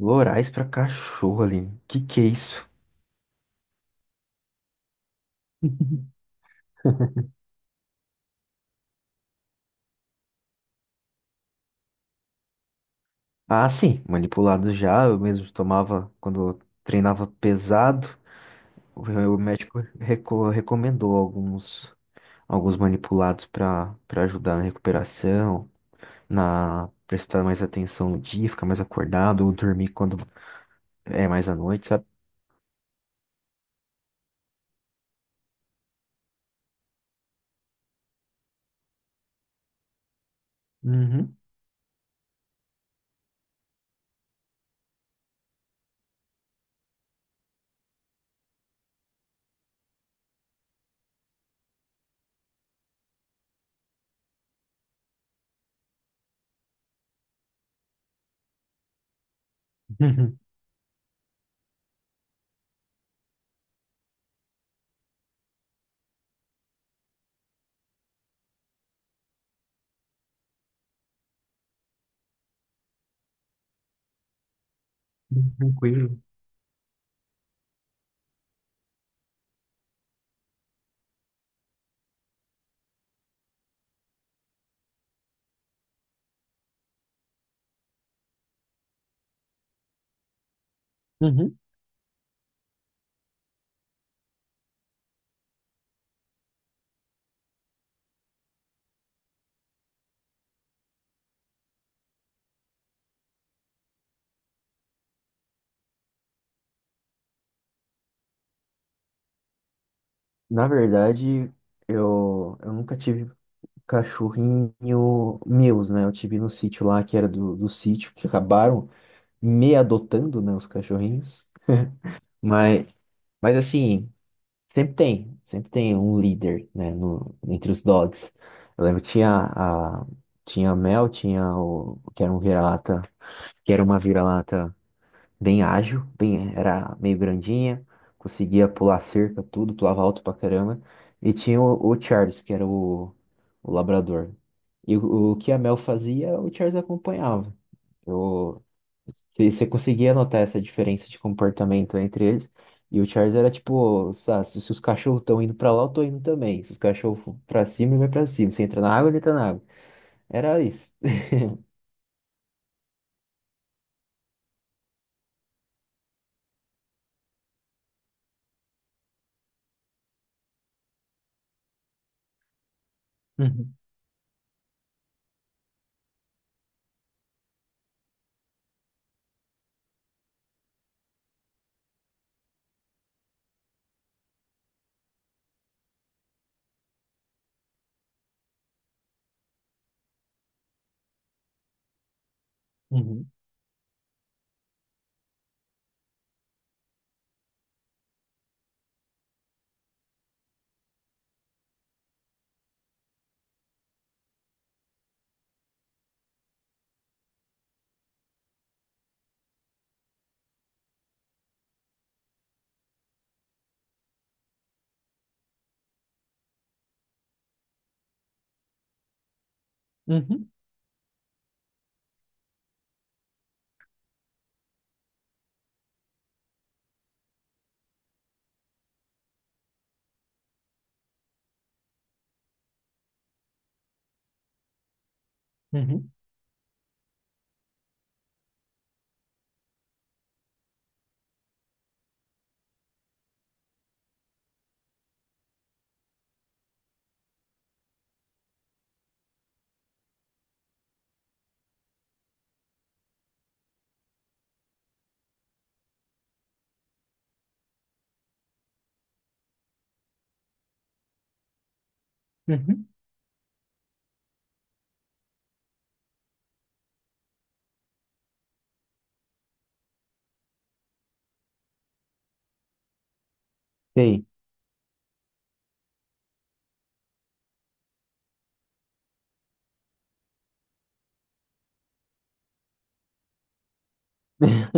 Lorais pra cachorro, Aline. Que é isso? Ah, sim, manipulado já. Eu mesmo tomava quando eu treinava pesado. O médico recomendou alguns, alguns manipulados para para ajudar na recuperação, na prestar mais atenção no dia, ficar mais acordado, ou dormir quando é mais à noite, sabe? Uhum. Tranquilo. Uhum. Na verdade, eu nunca tive cachorrinho meus, né? Eu tive no sítio lá, que era do sítio, que acabaram me adotando, né? Os cachorrinhos. Mas, mas assim, sempre tem um líder, né? No, entre os dogs. Eu lembro que tinha a, tinha a Mel, tinha o, que era um vira-lata, que era uma vira-lata bem ágil, bem, era meio grandinha, conseguia pular cerca, tudo, pulava alto pra caramba. E tinha o Charles, que era o labrador. E o que a Mel fazia, o Charles acompanhava. Eu, você conseguia notar essa diferença de comportamento entre eles. E o Charles era tipo, se se os cachorros estão indo pra lá, eu tô indo também. Se os cachorros for pra cima, ele vai pra cima. Se entra na água, ele entra na água. Era isso. Uhum, uhum, uhum, uhum, uhum. Sim.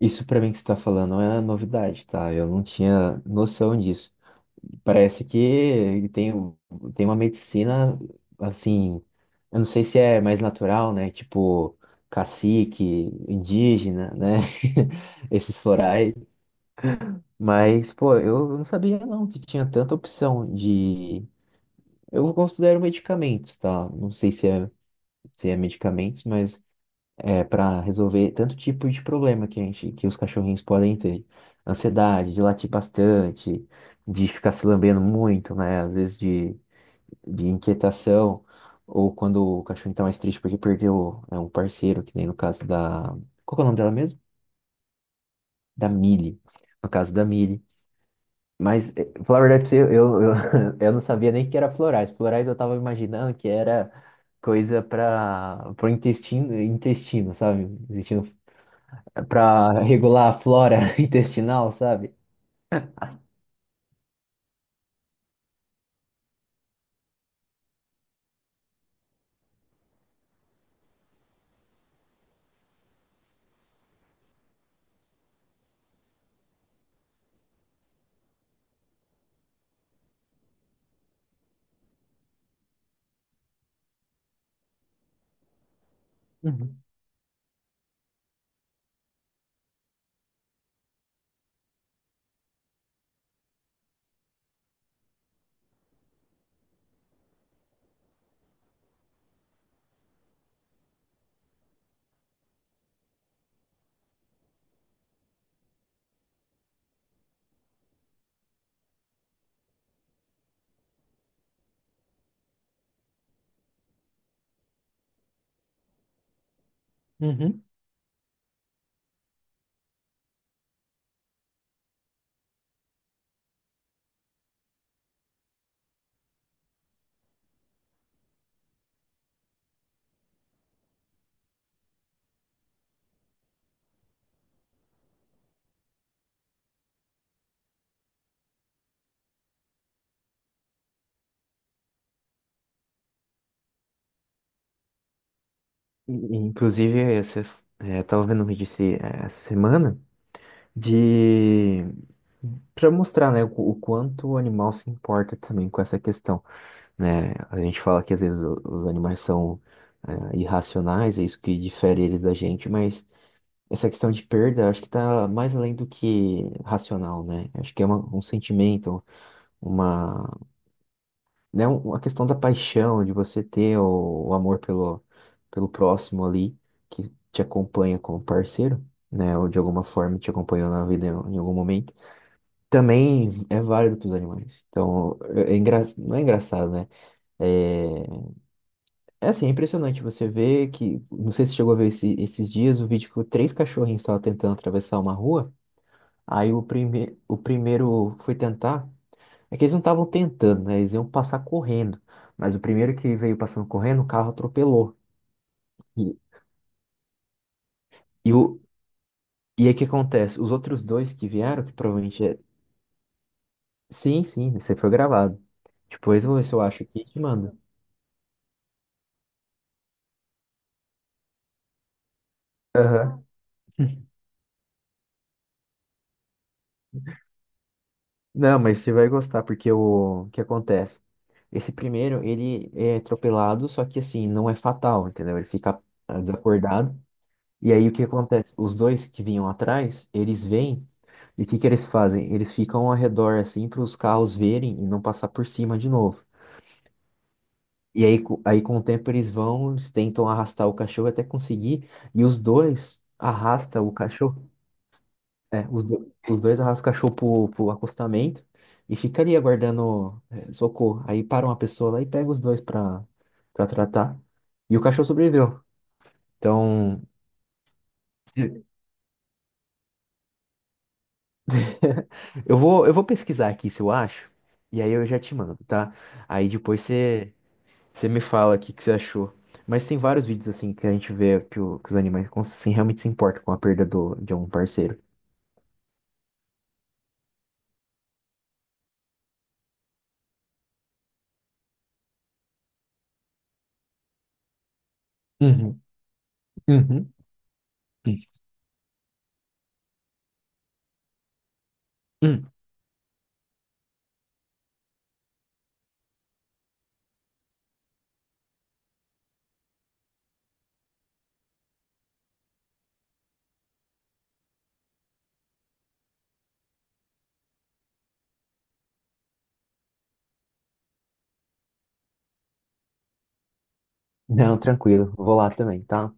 Isso pra mim que você tá falando não é novidade, tá? Eu não tinha noção disso. Parece que tem, um, tem uma medicina, assim, eu não sei se é mais natural, né? Tipo, cacique, indígena, né? Esses florais. Mas, pô, eu não sabia não que tinha tanta opção de... Eu considero medicamentos, tá? Não sei se é, se é medicamentos, mas é, para resolver tanto tipo de problema que a gente, que os cachorrinhos podem ter. Ansiedade, de latir bastante, de ficar se lambendo muito, né? Às vezes de inquietação, ou quando o cachorrinho tá mais triste porque perdeu, né, um parceiro, que nem no caso da. Qual que é o nome dela mesmo? Da Millie. No caso da Millie. Mas, eh, falar a verdade pra você, eu não sabia nem que era florais. Florais eu tava imaginando que era coisa para pro intestino, intestino, sabe? Intestino para regular a flora intestinal, sabe? Uhum. Uhum. Inclusive, você, é, eu tava vendo um vídeo essa semana de para mostrar, né, o, o quanto o animal se importa também com essa questão, né? A gente fala que às vezes os animais são é, irracionais, é isso que difere eles da gente, mas essa questão de perda, acho que está mais além do que racional, né? Acho que é um sentimento, uma né, a questão da paixão, de você ter o amor pelo, pelo próximo ali, que te acompanha como parceiro, né, ou de alguma forma te acompanhou na vida em, em algum momento, também é válido para os animais. Então, é, não é engraçado, né? É, é assim, é impressionante você ver que, não sei se você chegou a ver esses dias, o vídeo que três cachorrinhos estavam tentando atravessar uma rua, aí o, o primeiro foi tentar. É que eles não estavam tentando, né? Eles iam passar correndo. Mas o primeiro que veio passando correndo, o carro atropelou. E, e, o, e aí o que acontece? Os outros dois que vieram, que provavelmente é. Sim, sim, você foi gravado. Depois eu vou ver se eu acho aqui e te mando. Aham. Não, mas você vai gostar, porque o que acontece? Esse primeiro, ele é atropelado, só que assim, não é fatal, entendeu? Ele fica ah, desacordado. E aí o que acontece? Os dois que vinham atrás, eles vêm e o que que eles fazem? Eles ficam ao redor assim para os carros verem e não passar por cima de novo. E aí, aí com o tempo eles vão, eles tentam arrastar o cachorro até conseguir e os dois arrastam o cachorro. É, os, os dois arrastam o cachorro pro, pro acostamento e fica ali aguardando é, socorro. Aí para uma pessoa lá e pega os dois para para tratar. E o cachorro sobreviveu. Então, eu vou pesquisar aqui se eu acho, e aí eu já te mando, tá? Aí depois você, você me fala o que que você achou. Mas tem vários vídeos assim que a gente vê que, que os animais assim, realmente se importam com a perda do, de um parceiro. Uhum, uhum, uhum. Não, tranquilo, vou lá também, tá?